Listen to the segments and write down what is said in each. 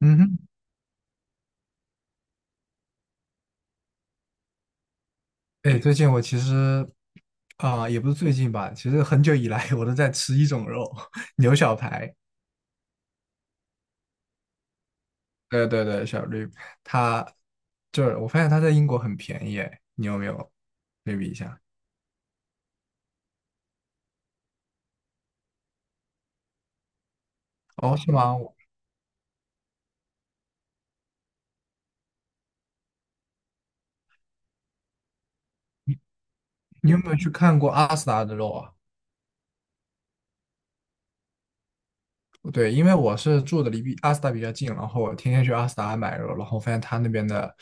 嗯哼，哎，最近我其实啊、也不是最近吧，其实很久以来我都在吃一种肉，牛小排。对对对，小绿，它就是我发现它在英国很便宜，哎，你有没有对比一下？哦，是吗？你有没有去看过阿斯达的肉啊？对，因为我是住的离比阿斯达比较近，然后我天天去阿斯达买肉，然后发现他那边的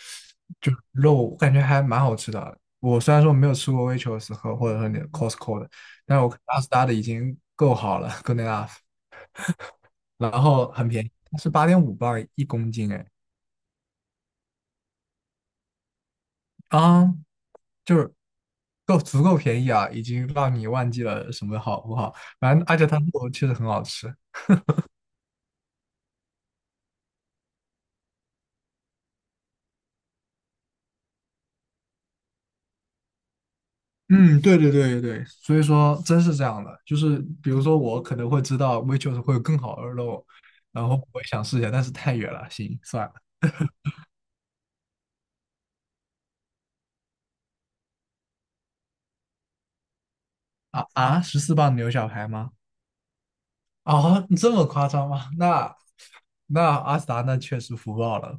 就肉，我感觉还蛮好吃的。我虽然说没有吃过 Waitrose 和或者说你的 Costco 的，但是我看阿斯达的已经够好了，good enough。然后很便宜，它是8.5磅一公斤。哎，啊、就是够足够便宜啊，已经让你忘记了什么好不好。反正而且它肉确实很好吃。嗯，对对对对，所以说真是这样的，就是比如说我可能会知道 Waitrose 会有更好的肉，然后我也想试一下，但是太远了，行，算了。啊啊，14磅牛小排吗？啊，你这么夸张吗？那那阿斯达那确实福报了。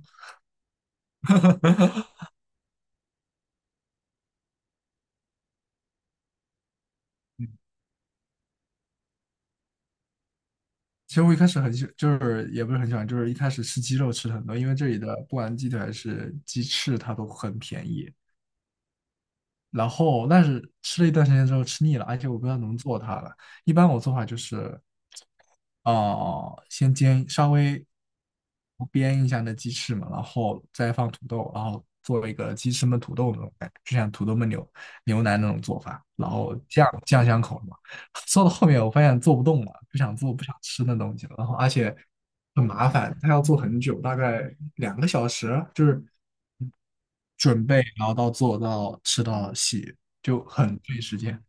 其实我一开始很喜，就是也不是很喜欢，就是一开始吃鸡肉吃的很多，因为这里的不管鸡腿还是鸡翅，它都很便宜。然后，但是吃了一段时间之后吃腻了，而且我不知道怎么做它了。一般我做法就是哦，先煎稍微煸一下那鸡翅嘛，然后再放土豆，然后做一个鸡翅焖土豆那种感觉，就像土豆焖牛牛腩那种做法，然后酱酱香口嘛。做到后面我发现做不动了，不想做不想吃那东西了，然后而且很麻烦，它要做很久，大概两个小时，就是准备然后到做到吃到洗，就很费时间。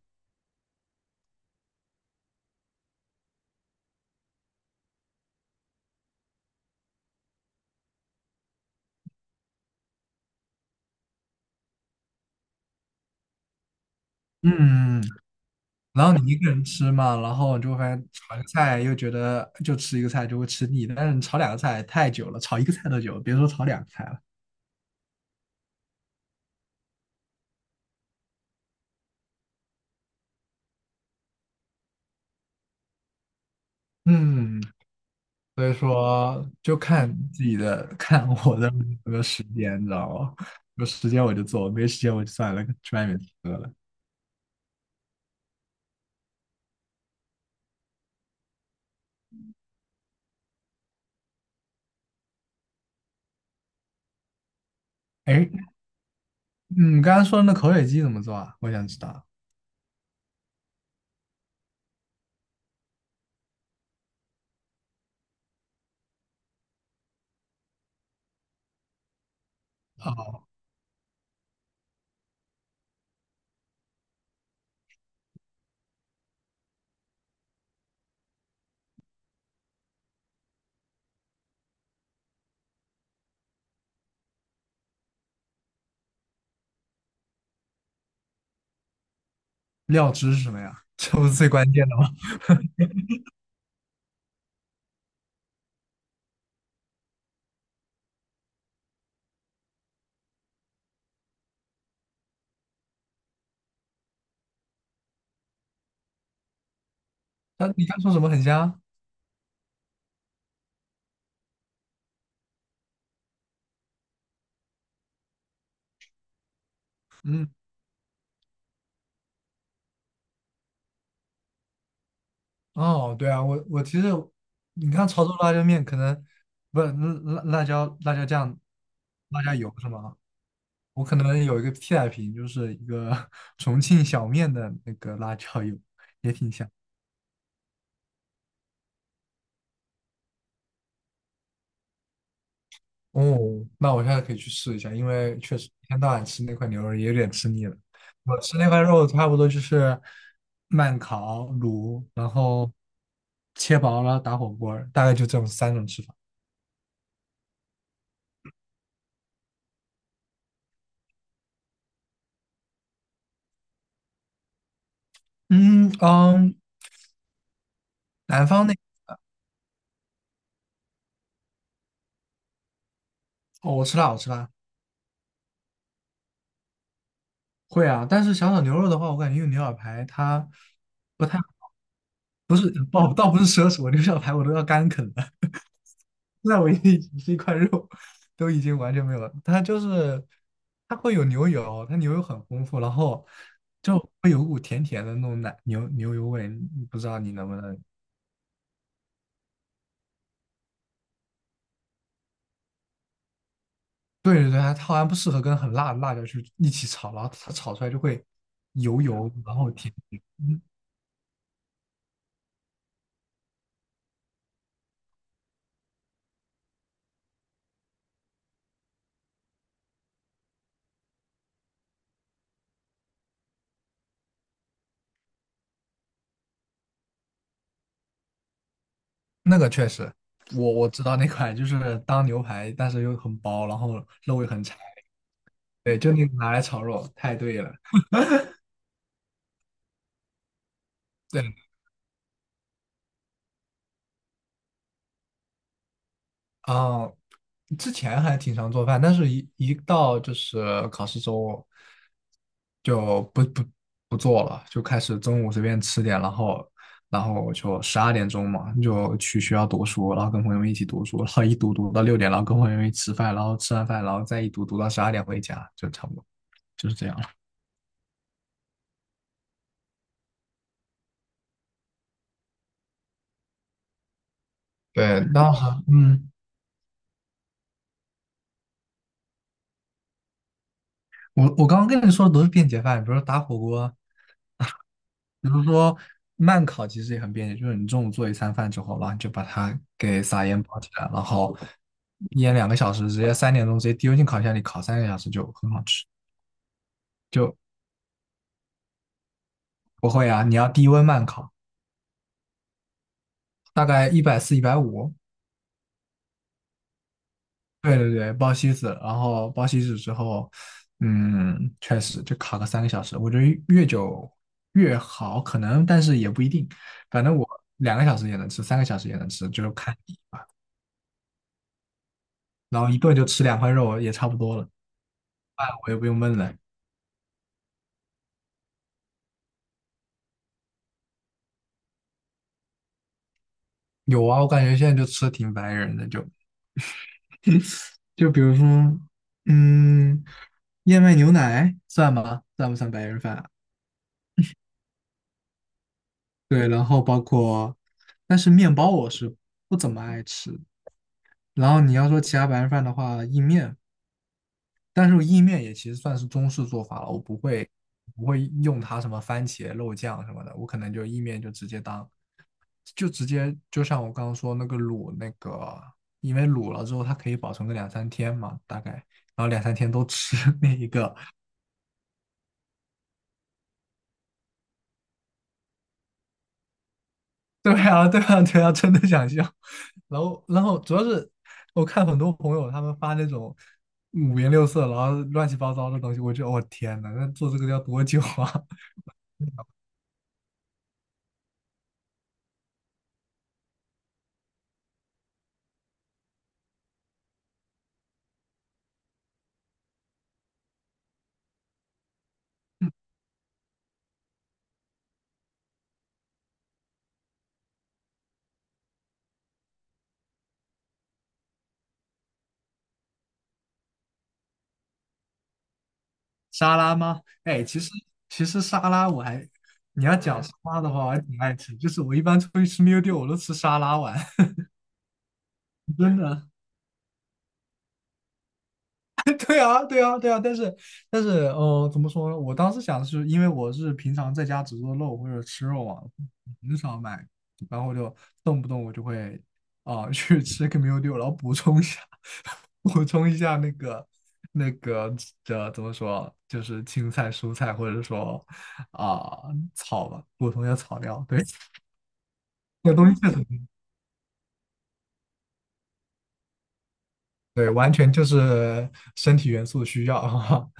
嗯，然后你一个人吃嘛，然后你就会发现炒一个菜又觉得就吃一个菜就会吃腻，但是你炒两个菜太久了，炒一个菜都久，别说炒两个菜了。嗯，所以说就看自己的，看我有没有时间，你知道吗？有时间我就做，没时间我就算了，去外面吃了。哎，你刚刚说的那口水鸡怎么做啊？我想知道。哦，料汁是什么呀？这不是最关键的吗？啊，你刚说什么很香？嗯，哦，对啊，我其实你看潮州辣椒面，可能不是辣辣椒酱、辣椒油是吗？我可能有一个替代品，就是一个 重庆小面的那个辣椒油。哦，那我现在可以去试一下，因为确实一天到晚吃那块牛肉也有点吃腻了。我吃那块肉差不多就是慢烤、卤，然后切薄了打火锅儿大概就这种三种吃法。嗯嗯，南方那哦，我吃辣，我吃辣。会啊，但是小炒牛肉的话，我感觉用牛小排它不太，不是，倒不是奢侈，我牛小排我都要干啃了。那我一是 一块肉都已经完全没有了。它就是它会有牛油，它牛油很丰富，然后就会有股甜甜的那种奶牛牛油味，不知道你能不能？对对对，它好像不适合跟很辣的辣椒去一起炒，然后它炒出来就会油油，然后甜甜。那个确实，我知道那款就是当牛排，但是又很薄，然后肉又很柴。对，就那个拿来炒肉，太对了。对，嗯，之前还挺常做饭，但是一到就是考试周，就不做了，就开始中午随便吃点，然后然后就12点钟嘛，就去学校读书，然后跟朋友们一起读书，然后一读读到6点，然后跟朋友们一起吃饭，然后吃完饭，然后再一读读到十二点回家，就差不多就是这样。对，那好嗯，我刚刚跟你说的都是便捷饭，比如说打火锅，比如说慢烤，其实也很便捷，就是你中午做一餐饭之后，然后你就把它给撒盐包起来，然后腌两个小时，直接3点钟直接丢进烤箱里烤三个小时就很好吃。就不会啊，你要低温慢烤，大概140、150，对对对，包西子，然后包西子之后，嗯，确实就烤个三个小时。我觉得越久越好，可能，但是也不一定。反正我两个小时也能吃，三个小时也能吃，就是看你。然后一顿就吃两块肉也差不多了，饭我也不用焖了。有啊，我感觉现在就吃的挺白人的，就比如说，嗯，燕麦牛奶算吗？算不算白人饭啊对，然后包括，但是面包我是不怎么爱吃。然后你要说其他白人饭的话，意面，但是意面也其实算是中式做法了，我不会用它什么番茄肉酱什么的，我可能就意面就直接当，就直接就像我刚刚说那个卤那个，因为卤了之后它可以保存个两三天嘛，大概，然后两三天都吃 那一个。对啊，对啊，对啊，真的想笑。然后，然后主要是我看很多朋友他们发那种五颜六色，然后乱七八糟的东西，我就我、天呐，那做这个要多久啊？沙拉吗？哎，其实沙拉我还，你要讲沙拉的话，我还挺爱吃。就是我一般出去吃 meal d e 我都吃沙拉碗。真的。对啊，对啊，对啊，但是，但是，呃，怎么说呢？我当时想的是，因为我是平常在家只做肉或者吃肉啊，很少买，然后就动不动我就会啊、去吃个 meal d e a 然后补充一下。补充一下那个这怎么说，就是青菜、蔬菜，或者说啊、草吧，补充一下草料。对，这个东西确实对，完全就是身体元素需要。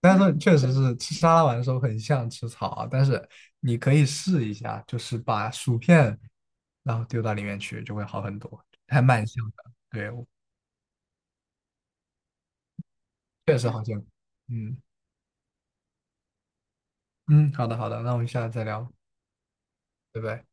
但是确实是吃沙拉碗的时候很像吃草啊，但是你可以试一下，就是把薯片然后丢到里面去，就会好很多，还蛮像的，确实好像。嗯嗯，好的好的，那我们下次再聊，拜拜。